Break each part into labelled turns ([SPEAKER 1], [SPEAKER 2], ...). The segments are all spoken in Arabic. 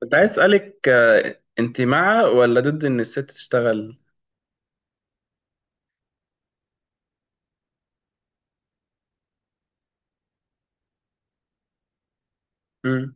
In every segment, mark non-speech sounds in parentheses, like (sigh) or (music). [SPEAKER 1] كنت عايز اسالك، انت مع ولا ضد ان الست تشتغل؟ مم.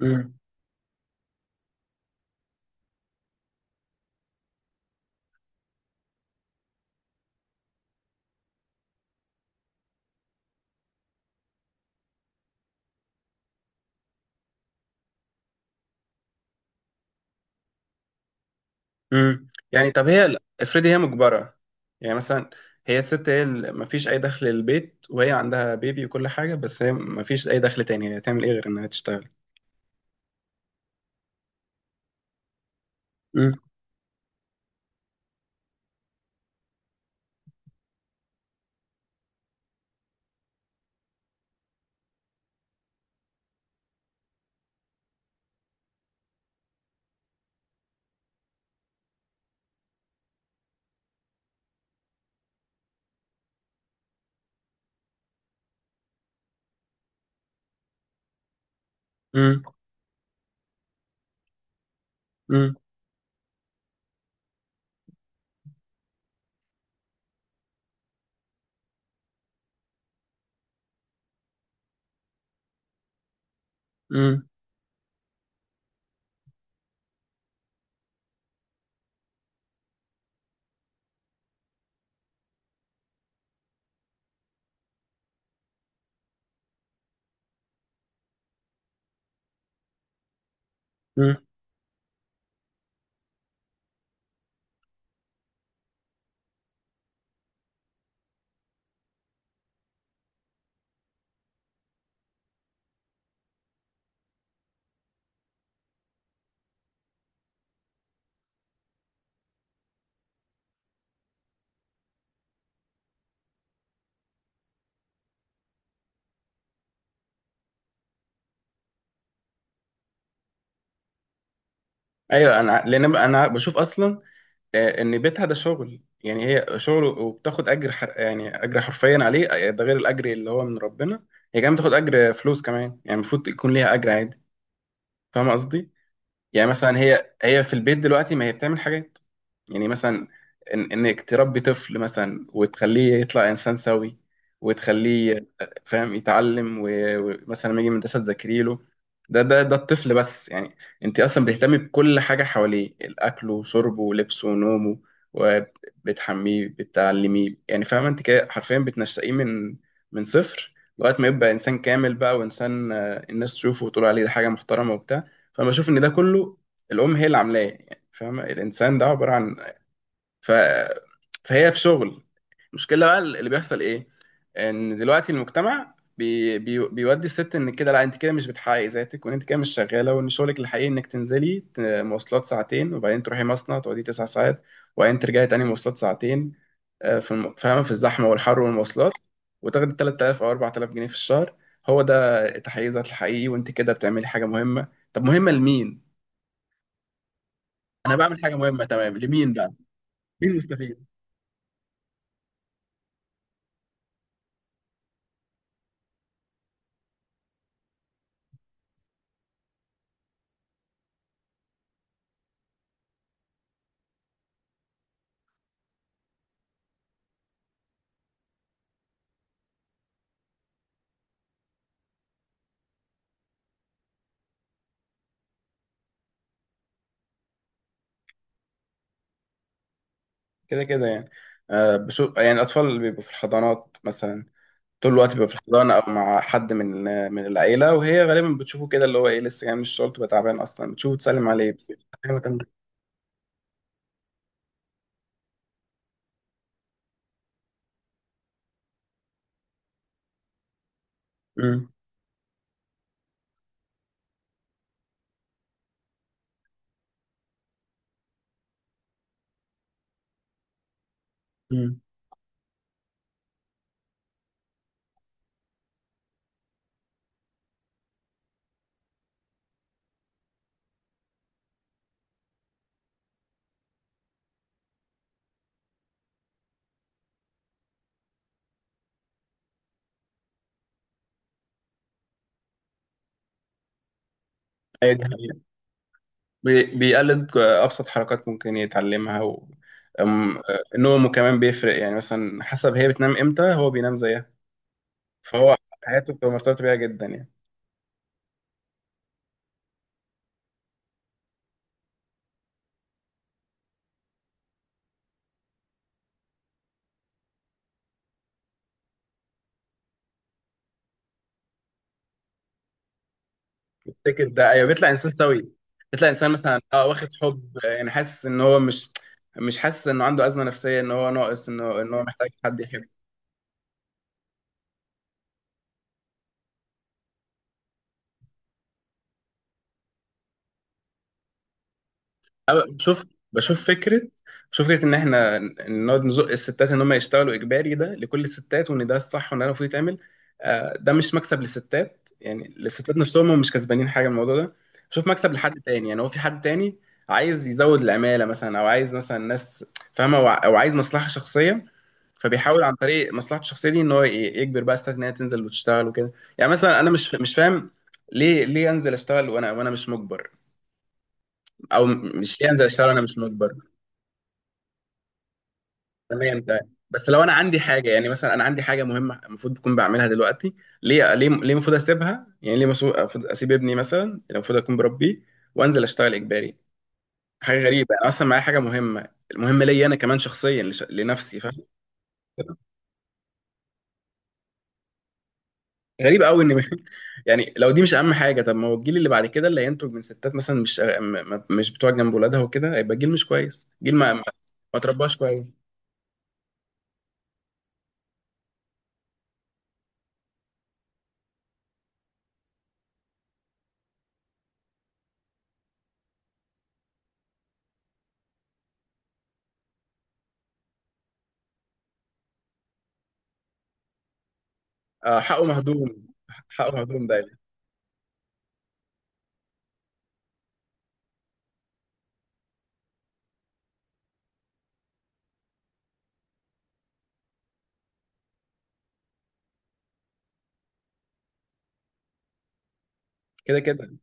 [SPEAKER 1] مم. مم. يعني، طب هي افرضي هي مجبره. يعني مثلا، هي الست، هي ما فيش اي دخل للبيت وهي عندها بيبي وكل حاجه، بس هي ما فيش اي دخل تاني. هي هتعمل ايه غير انها تشتغل؟ مم. مم. مم. مم. مم. ايوه. انا، لان انا بشوف اصلا ان بيتها ده شغل، يعني هي شغل وبتاخد اجر يعني اجر حرفيا عليه. ده غير الاجر اللي هو من ربنا. هي كمان بتاخد اجر فلوس كمان، يعني المفروض يكون ليها اجر عادي. فاهم قصدي؟ يعني مثلا هي في البيت دلوقتي، ما هي بتعمل حاجات. يعني مثلا، إن انك تربي طفل مثلا وتخليه يطلع انسان سوي، وتخليه فاهم، يتعلم و- ومثلا لما يجي من المدرسه تذاكري له. ده الطفل بس، يعني. انت اصلا بتهتمي بكل حاجه حواليه، الاكل وشربه ولبسه ونومه، وبتحميه، بتعلميه، يعني فاهمه؟ انت كده حرفيا بتنشئيه من صفر لغايه ما يبقى انسان كامل بقى، وانسان الناس تشوفه وتقول عليه ده حاجه محترمه وبتاع. فبشوف ان ده كله الام هي اللي عاملاه، يعني فاهمه؟ الانسان ده عباره عن، ف... فهي في شغل. المشكله بقى اللي بيحصل ايه؟ ان دلوقتي المجتمع بيودي الست ان كده، لا انت كده مش بتحققي ذاتك، وان انت كده مش شغاله، وان شغلك الحقيقي انك تنزلي مواصلات ساعتين، وبعدين تروحي مصنع تقعدي 9 ساعات، وبعدين ترجعي تاني مواصلات ساعتين، في فاهمه، في الزحمه والحر والمواصلات، وتاخدي 3000 او 4000 جنيه في الشهر. هو ده تحقيق ذات الحقيقي؟ وانت كده بتعملي حاجه مهمه، طب مهمه لمين؟ انا بعمل حاجه مهمه تمام، لمين بقى؟ مين المستفيد؟ كده كده يعني. بشو، يعني الاطفال اللي بيبقوا في الحضانات مثلا طول الوقت بيبقوا في الحضانه، او مع حد من العيله، وهي غالبا بتشوفه كده، اللي هو ايه، لسه جاي من الشغل تبقى تعبان اصلا، بتشوفه تسلم عليه بس. أيوة، تمام. أمم. أمم. أيوة، دي حقيقة. بيقلد ابسط حركات ممكن يتعلمها، و أم- نومه كمان بيفرق، يعني مثلا حسب هي بتنام امتى هو بينام زيها. فهو، حياته بتبقى مرتبطه بيها جدا يعني. التيكت ده، ايوه، بيطلع انسان سوي. بيطلع انسان مثلا واخد حب، يعني حاسس ان هو مش. مش حاسس انه عنده ازمه نفسيه، ان هو ناقص، انه ان هو محتاج حد. أنا بشوف فكرة بشوف فكرة إن إحنا نقعد نزق الستات إن هم يشتغلوا إجباري، ده لكل الستات، وإن ده الصح، وإن ده المفروض يتعمل. ده مش مكسب للستات. يعني الستات نفسهم هم مش كسبانين حاجة من الموضوع ده. بشوف مكسب لحد تاني. يعني هو في حد تاني عايز يزود العمالة مثلا، أو عايز مثلا ناس، فاهمة، أو عايز مصلحة شخصية، فبيحاول عن طريق مصلحته الشخصيه دي ان هو يجبر بقى ستات ان هي تنزل وتشتغل وكده. يعني مثلا انا مش فاهم، ليه انزل اشتغل، وانا مش مجبر؟ او مش، ليه انزل اشتغل وانا مش مجبر؟ تمام تمام. بس لو انا عندي حاجه، يعني مثلا انا عندي حاجه مهمه المفروض اكون بعملها دلوقتي، ليه المفروض اسيبها؟ يعني ليه المفروض اسيب ابني مثلا اللي المفروض اكون بربيه، وانزل اشتغل اجباري؟ حاجه غريبه، انا اصلا معايا حاجه مهمه، المهمه ليا انا كمان شخصيا، لنفسي، فاهم؟ غريب قوي ان (laughs) يعني لو دي مش اهم حاجه، طب ما هو الجيل اللي بعد كده اللي هينتج من ستات مثلا مش مش بتوع جنب ولادها وكده، هيبقى جيل مش كويس، جيل ما ترباش كويس. حقه مهضوم، حقه مهضوم دايما. كده كده.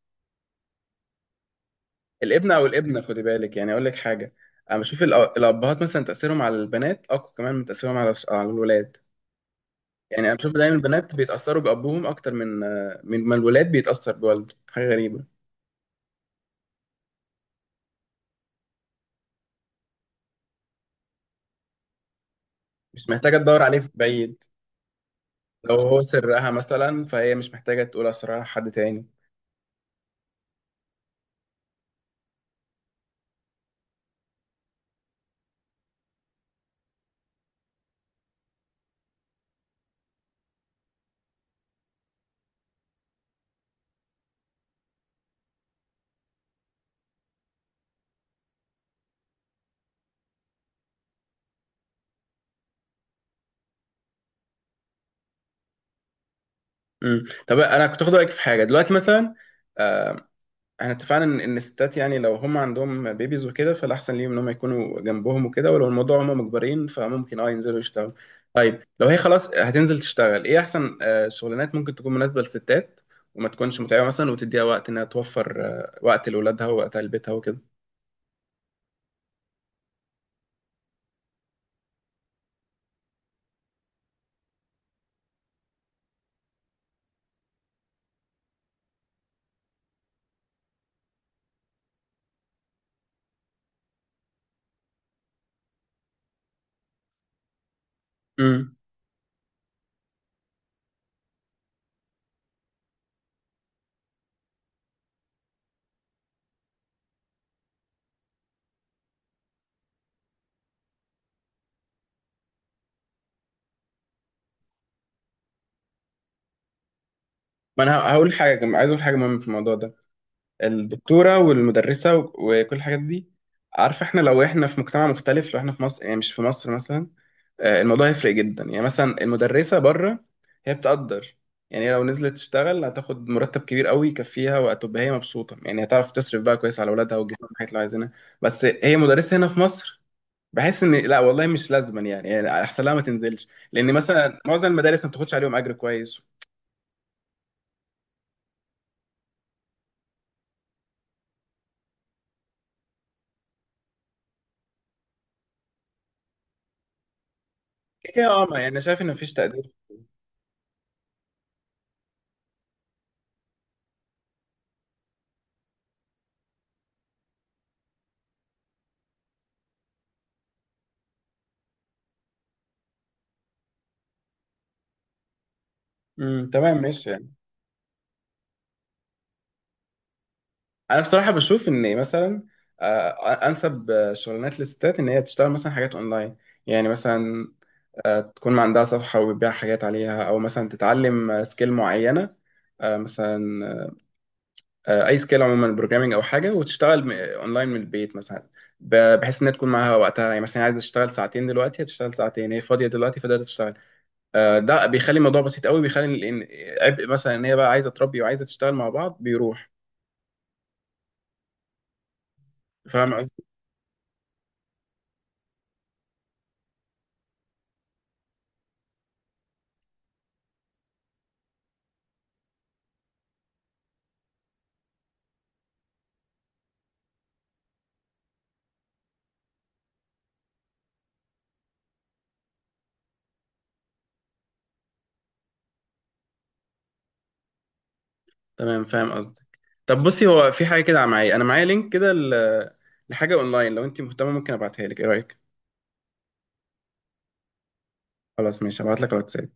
[SPEAKER 1] الابن او الابنه، خدي بالك، يعني اقول لك حاجه. انا بشوف الابهات مثلا تاثيرهم على البنات اقوى كمان من تاثيرهم على الولاد. يعني انا بشوف دايما البنات بيتاثروا بابوهم اكتر من ما الولاد بيتاثر بوالده. حاجه غريبه. مش محتاجه تدور عليه في بعيد. لو هو سرها مثلا، فهي مش محتاجه تقول اسرارها لحد تاني. طب انا كنت اخد رايك في حاجه دلوقتي مثلا. آه، احنا اتفقنا ان الستات، يعني لو هم عندهم بيبيز وكده فالاحسن ليهم ان هم يكونوا جنبهم وكده، ولو الموضوع هم مجبرين فممكن ينزلوا يشتغلوا. طيب لو هي خلاص هتنزل تشتغل، ايه احسن شغلانات ممكن تكون مناسبة للستات، وما تكونش متعبة مثلا، وتديها وقت انها توفر وقت لاولادها ووقت لبيتها وكده؟ امم ما انا هقول حاجة، عايز اقول حاجة مهمة في الموضوع ده. الدكتورة والمدرسة و- وكل الحاجات دي، عارف، احنا لو احنا في مجتمع مختلف، لو احنا في مصر يعني، مش في مصر مثلا، الموضوع يفرق جدا. يعني مثلا المدرسة بره، هي بتقدر، يعني هي لو نزلت تشتغل هتاخد مرتب كبير قوي يكفيها، وهتبقى هي مبسوطة، يعني هتعرف تصرف بقى كويس على اولادها وتجيب لهم الحاجات اللي عايزينها. بس هي مدرسة هنا في مصر، بحس ان لا والله مش لازما، يعني احسن لها ما تنزلش، لان مثلا معظم المدارس ما بتاخدش عليهم اجر كويس. كده، ما يعني أنا شايف ان مفيش تقدير. تمام ماشي يعني. انا بصراحة بشوف ان مثلا انسب شغلانات للستات ان هي تشتغل مثلا حاجات اونلاين. يعني مثلا تكون عندها صفحة وبتبيع حاجات عليها، أو مثلا تتعلم سكيل معينة. مثلا أي سكيل عموما، بروجرامينج أو حاجة، وتشتغل أونلاين من البيت مثلا، بحيث إنها تكون معاها وقتها، يعني مثلا عايزة تشتغل ساعتين دلوقتي، هتشتغل ساعتين هي فاضية دلوقتي فقدرت تشتغل. ده بيخلي الموضوع بسيط قوي، بيخلي إن عبء مثلا إن هي بقى عايزة تربي وعايزة تشتغل مع بعض بيروح. فاهم قصدي؟ تمام، فاهم قصدك. طب بصي، هو في حاجة كده معايا، أنا معايا لينك كده ل- لحاجة أونلاين. لو أنت مهتمة ممكن أبعتها لك. إيه رأيك؟ خلاص ماشي، هبعت لك على الواتساب.